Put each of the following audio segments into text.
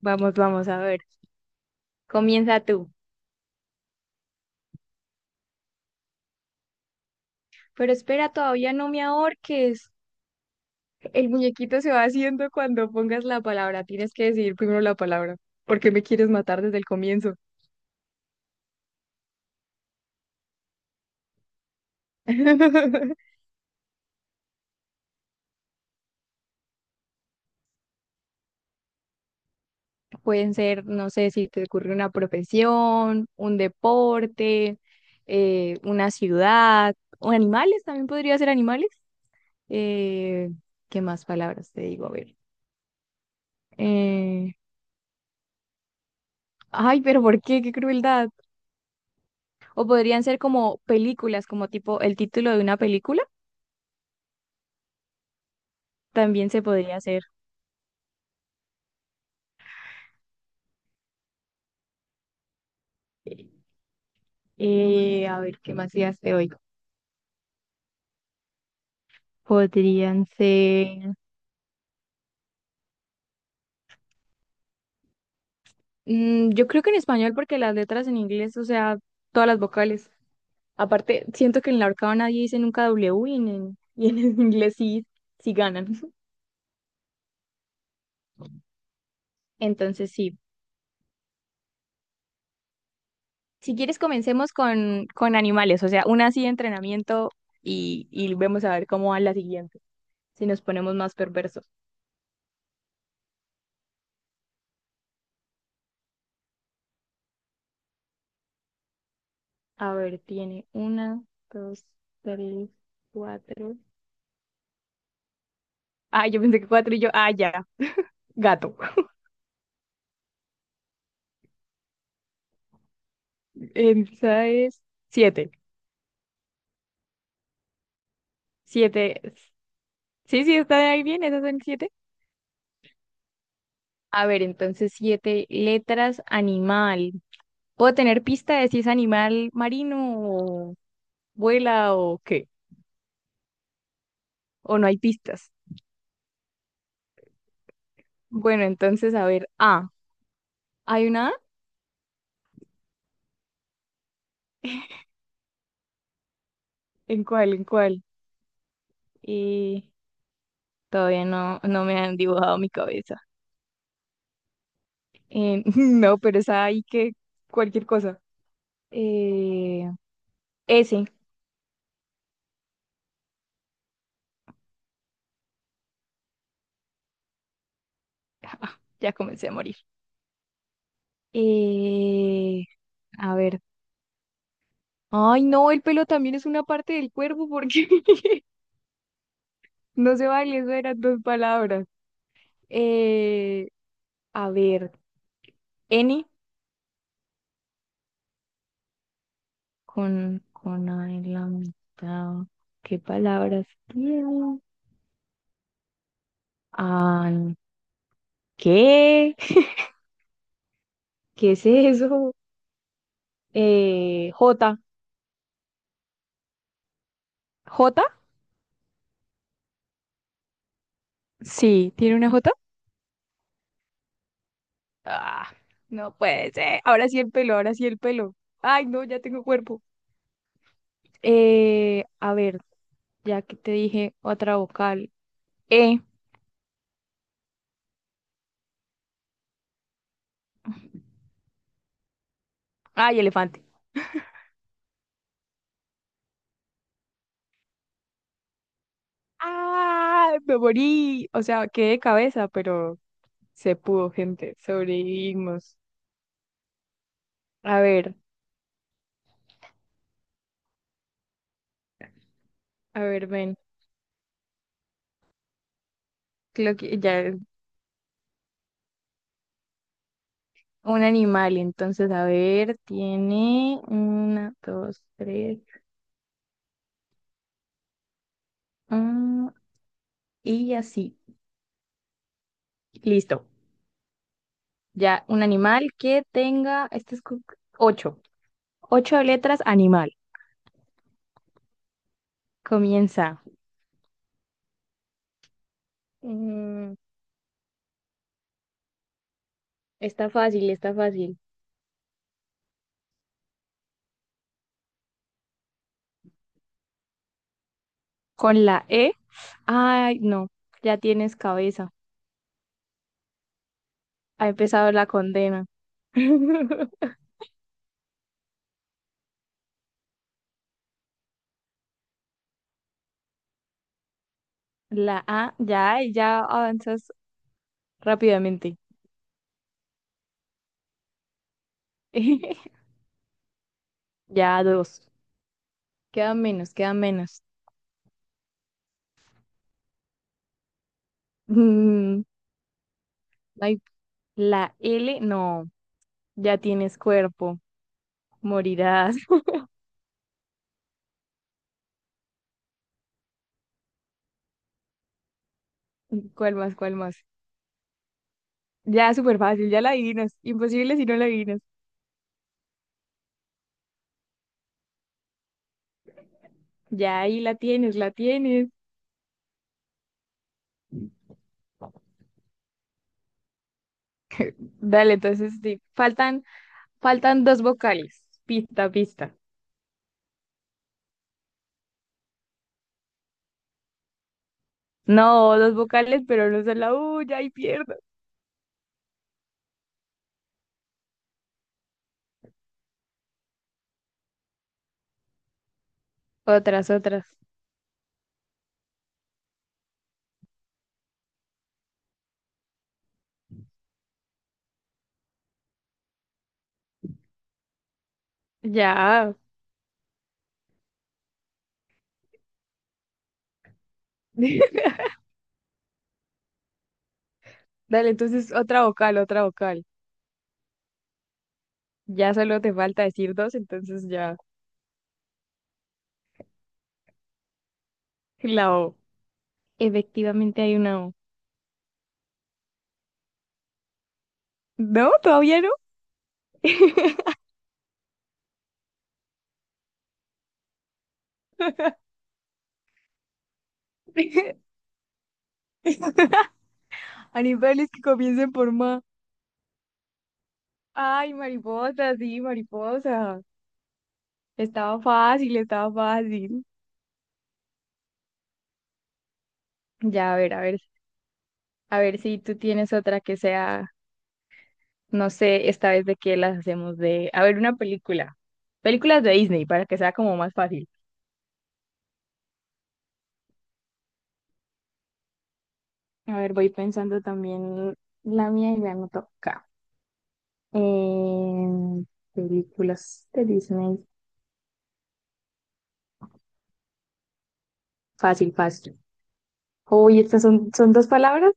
Vamos, vamos a ver. Comienza tú. Pero espera, todavía no me ahorques. El muñequito se va haciendo cuando pongas la palabra. Tienes que decidir primero la palabra. ¿Por qué me quieres matar desde el comienzo? Pueden ser, no sé, si te ocurre una profesión, un deporte, una ciudad, o animales, también podría ser animales. Eh, ¿Qué más palabras te digo? A ver. Eh, Ay, pero ¿por qué? ¡Qué crueldad! O podrían ser como películas, como tipo el título de una película, también se podría hacer. A ver, ¿qué más ideas te oigo? Podrían ser yo creo que en español, porque las letras en inglés, o sea, todas las vocales. Aparte, siento que en la horcada nadie dice nunca W y y en el inglés sí, sí ganan. Entonces sí. Si quieres, comencemos con animales, o sea, una así de entrenamiento y vemos a ver cómo va la siguiente, si nos ponemos más perversos. A ver, tiene una, dos, tres, cuatro. Ah, yo pensé que cuatro y yo, ah, ya, gato. Esa es siete. Siete. Sí, sí, está ahí bien, esas son siete. A ver, entonces siete letras, animal. ¿Puedo tener pista de si es animal marino o vuela o qué? ¿O no hay pistas? Bueno, entonces, a ver, A. ¿Hay una A? ¿En cuál? ¿En cuál? Y todavía no me han dibujado mi cabeza. No, pero es ahí que cualquier cosa. Eh, Ese. Ah, ya comencé a morir. Eh, a ver. Ay, no, el pelo también es una parte del cuerpo porque no se vale, eso eran dos palabras. Eh, a ver, N con A en la mitad. ¿Qué palabras tiene? Ay, ¿qué? ¿Qué es eso? J. ¿J? Sí, tiene una J. Ah, no puede ser. Ahora sí el pelo, ahora sí el pelo. Ay, no, ya tengo cuerpo. A ver, ya que te dije otra vocal. E. Ay, elefante. Ah, me morí. O sea, quedé de cabeza, pero se pudo, gente. Sobrevivimos. A ver, a ver, ven. Creo que ya es un animal. Entonces, a ver, tiene una, dos, tres. Ah, y así. Listo. Ya, un animal que tenga, este es ocho, ocho letras animal. Comienza. Mm, Está fácil, está fácil. Con la E. Ay, no, ya tienes cabeza. Ha empezado la condena. La A, ya, ahí ya avanzas rápidamente. Ya dos. Quedan menos, quedan menos. Mm, Ay, la L, no, ya tienes cuerpo. Morirás. ¿Cuál más? ¿Cuál más? Ya, súper fácil, ya la adivinas. Imposible si no la adivinas. Ya ahí la tienes, la tienes. Dale, entonces sí. Faltan dos vocales. Pista, pista. No, dos vocales, pero no son la U, ya ahí pierdo. Otras, otras. Ya. Dale, entonces otra vocal, otra vocal. Ya solo te falta decir dos, entonces ya. La O. Efectivamente hay una O. No, todavía no. Animales que comiencen por ma. Ay, mariposa, sí, mariposa. Estaba fácil, estaba fácil. Ya, a ver, a ver, a ver si tú tienes otra que sea, no sé, esta vez de qué las hacemos de, a ver, una película. Películas de Disney para que sea como más fácil. A ver, voy pensando también la mía y la anoto acá. Em, Películas de Disney. Fácil, fácil. Uy, estas son, son dos palabras.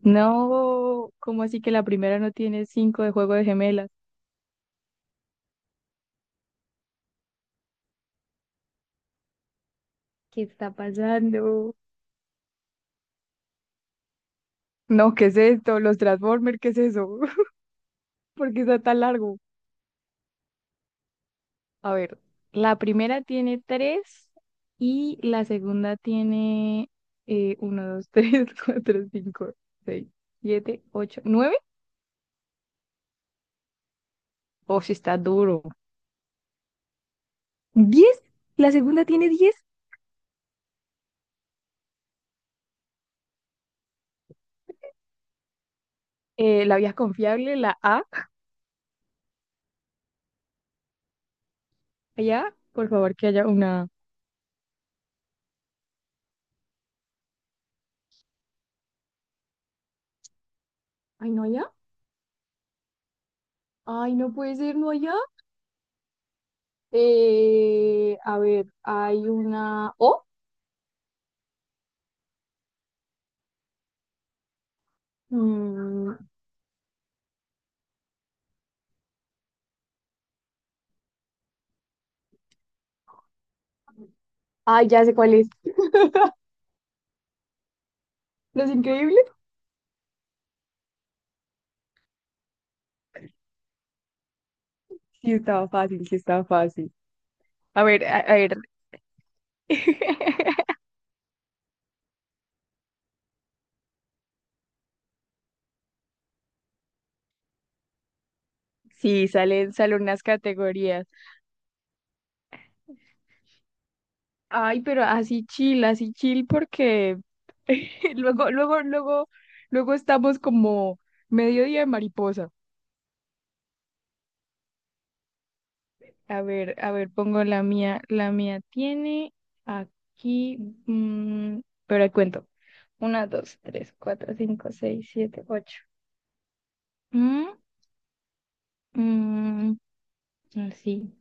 No, ¿cómo así que la primera no tiene cinco de juego de gemelas? ¿Qué está pasando? No, ¿qué es esto? Los Transformers, ¿qué es eso? ¿Por qué está tan largo? A ver, la primera tiene tres y la segunda tiene uno, dos, tres, cuatro, cinco, seis, siete, ocho, nueve. Oh, sí está duro. ¿10? La segunda tiene 10. La vía confiable, la A. Allá, por favor, que haya una. Ay, no allá. Ay, no puede ser, no allá. A ver, hay una O. Mm, Ay, ya sé cuál es. ¿Los Increíbles? Sí, estaba fácil, sí, estaba fácil. A ver, a ver. Sí, salen unas categorías. Ay, pero así chill porque luego, luego, luego, luego estamos como mediodía de mariposa. A ver, pongo la mía. La mía tiene aquí, mm, pero ahí cuento. Una, dos, tres, cuatro, cinco, seis, siete, ocho. Mm, mm, Así.